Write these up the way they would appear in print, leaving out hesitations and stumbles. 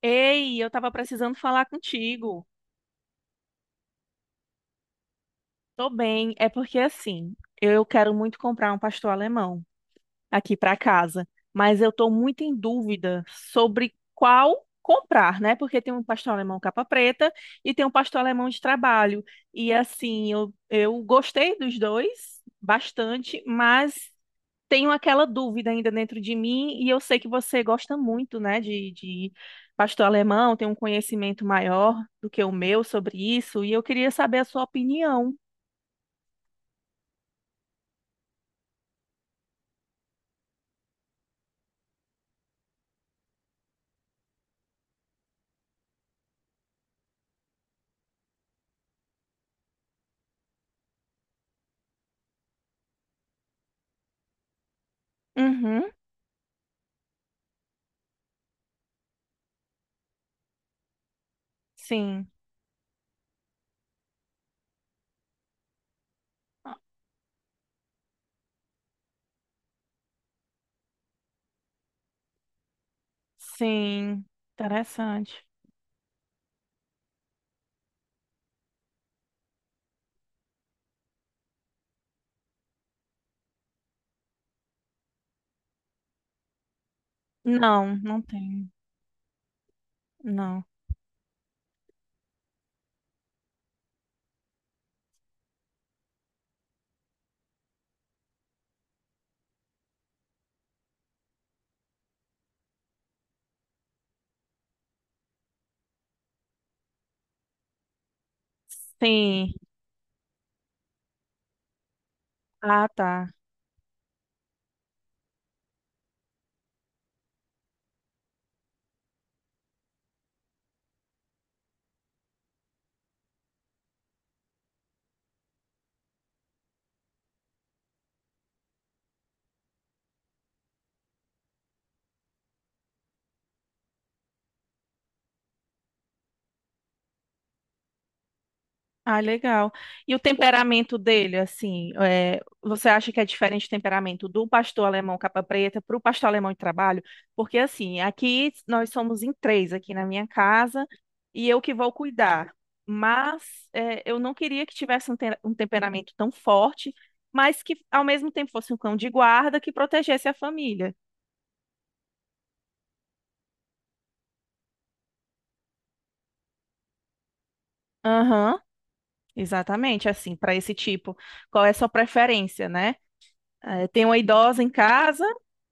Ei, eu tava precisando falar contigo. Tô bem, é porque assim, eu quero muito comprar um pastor alemão aqui para casa, mas eu estou muito em dúvida sobre qual comprar, né? Porque tem um pastor alemão capa preta e tem um pastor alemão de trabalho. E assim, eu gostei dos dois bastante, mas tenho aquela dúvida ainda dentro de mim e eu sei que você gosta muito, né, de pastor alemão, tem um conhecimento maior do que o meu sobre isso e eu queria saber a sua opinião. Uhum, sim, sim, interessante. Não, não tem. Não. Sim. Ah, tá. Ah, legal. E o temperamento dele, assim, é, você acha que é diferente o temperamento do pastor alemão capa preta para o pastor alemão de trabalho? Porque, assim, aqui nós somos em três aqui na minha casa e eu que vou cuidar. Mas é, eu não queria que tivesse um temperamento tão forte, mas que ao mesmo tempo fosse um cão de guarda que protegesse a família. Aham. Exatamente, assim, para esse tipo. Qual é a sua preferência, né? Tem uma idosa em casa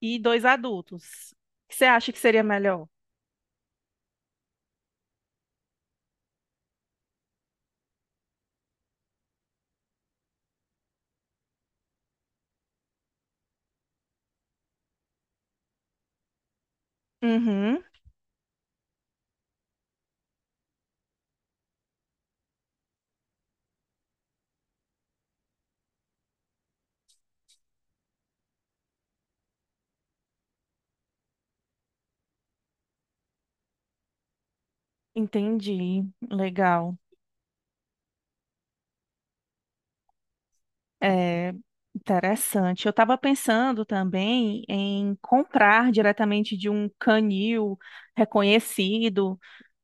e dois adultos. O que você acha que seria melhor? Uhum, entendi. Legal. É interessante. Eu estava pensando também em comprar diretamente de um canil reconhecido.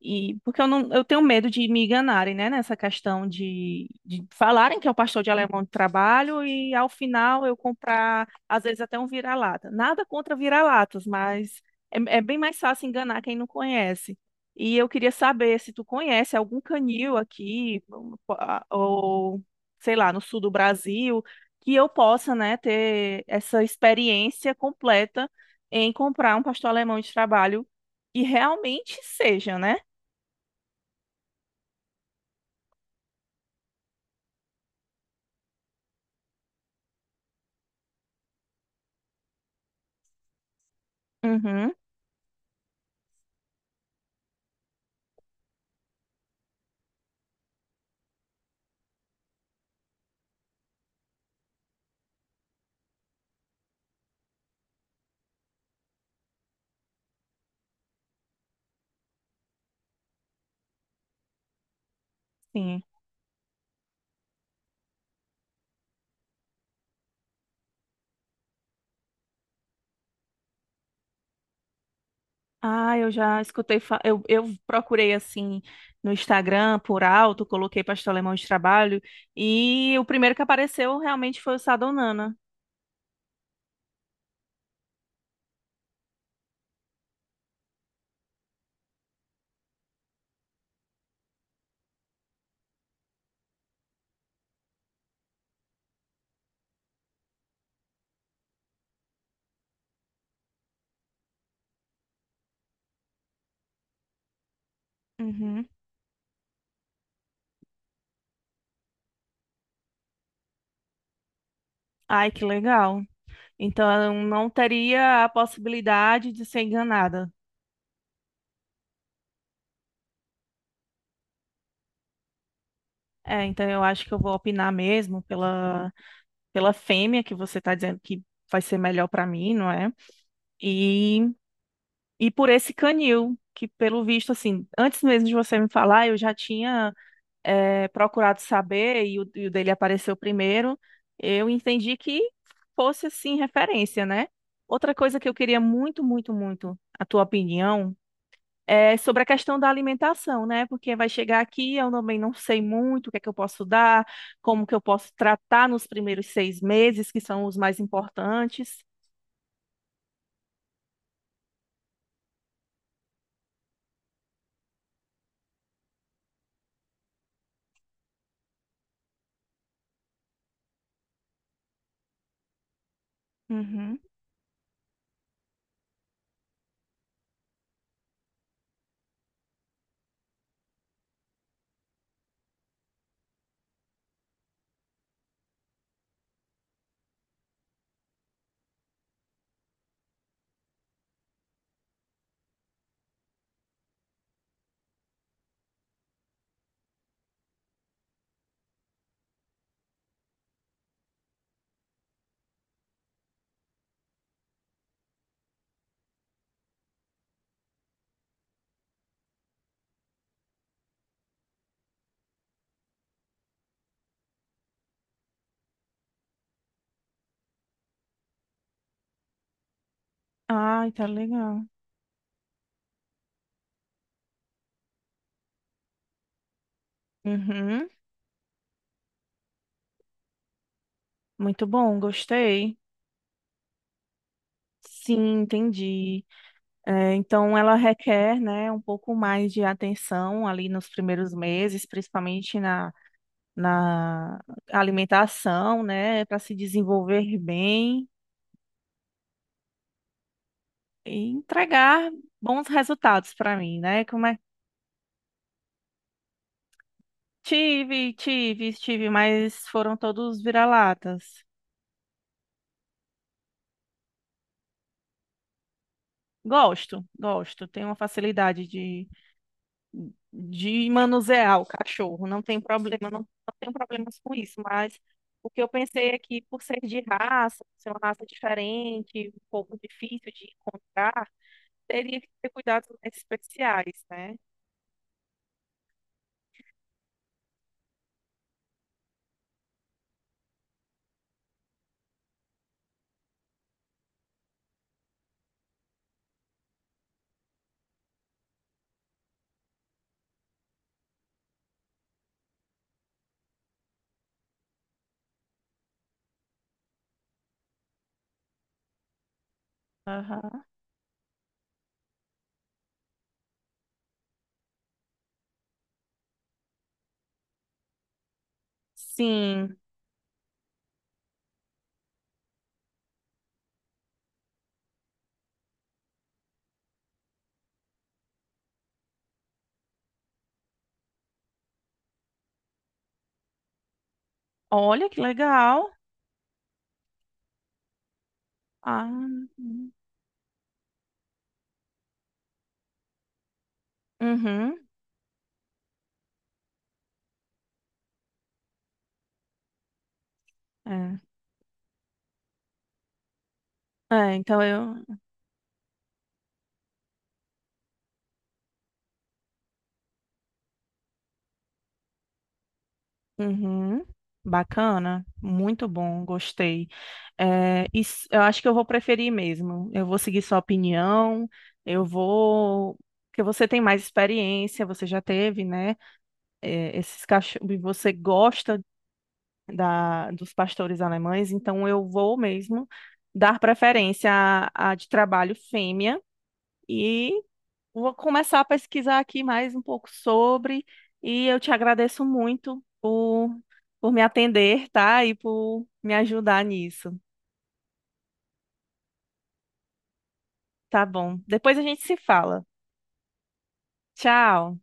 E porque eu não, eu tenho medo de me enganarem, né, nessa questão de falarem que é o pastor de alemão de trabalho e ao final eu comprar, às vezes até um vira-lata. Nada contra vira-latas, mas é, é bem mais fácil enganar quem não conhece. E eu queria saber se tu conhece algum canil aqui, ou sei lá, no sul do Brasil, que eu possa, né, ter essa experiência completa em comprar um pastor alemão de trabalho. E realmente seja, né? Uhum, sim. Ah, eu já escutei. Eu procurei assim no Instagram por alto, coloquei pastel alemão de trabalho e o primeiro que apareceu realmente foi o Sadonana. Uhum. Ai, que legal. Então eu não teria a possibilidade de ser enganada. É, então eu acho que eu vou opinar mesmo pela, pela fêmea que você está dizendo que vai ser melhor para mim, não é? E, e por esse canil, que pelo visto, assim, antes mesmo de você me falar, eu já tinha. É, procurado saber e o dele apareceu primeiro, eu entendi que fosse assim referência, né? Outra coisa que eu queria muito, muito, muito a tua opinião é sobre a questão da alimentação, né? Porque vai chegar aqui, eu também não sei muito o que é que eu posso dar, como que eu posso tratar nos primeiros 6 meses, que são os mais importantes. Uhum. Ai, tá legal. Uhum. Muito bom, gostei. Sim, entendi. É, então, ela requer, né, um pouco mais de atenção ali nos primeiros meses, principalmente na, na alimentação, né, para se desenvolver bem e entregar bons resultados para mim, né? Como é? Tive, tive, tive, mas foram todos vira-latas. Gosto, gosto, tenho uma facilidade de manusear o cachorro, não tem problema, não, não tenho problemas com isso, mas o que eu pensei é que por ser de raça, ser uma raça diferente, um pouco difícil de encontrar, teria que ter cuidados mais especiais, né? Aham. Sim, olha que legal. Ah, uhum. É. É, então eu, uhum. Bacana, muito bom, gostei. É, eu acho que eu vou preferir mesmo. Eu vou seguir sua opinião, eu vou. Porque você tem mais experiência, você já teve, né? É, esses cachorros, e você gosta da, dos pastores alemães, então eu vou mesmo dar preferência à, à de trabalho fêmea. Vou começar a pesquisar aqui mais um pouco sobre e eu te agradeço muito por me atender, tá? E por me ajudar nisso. Tá bom. Depois a gente se fala. Tchau.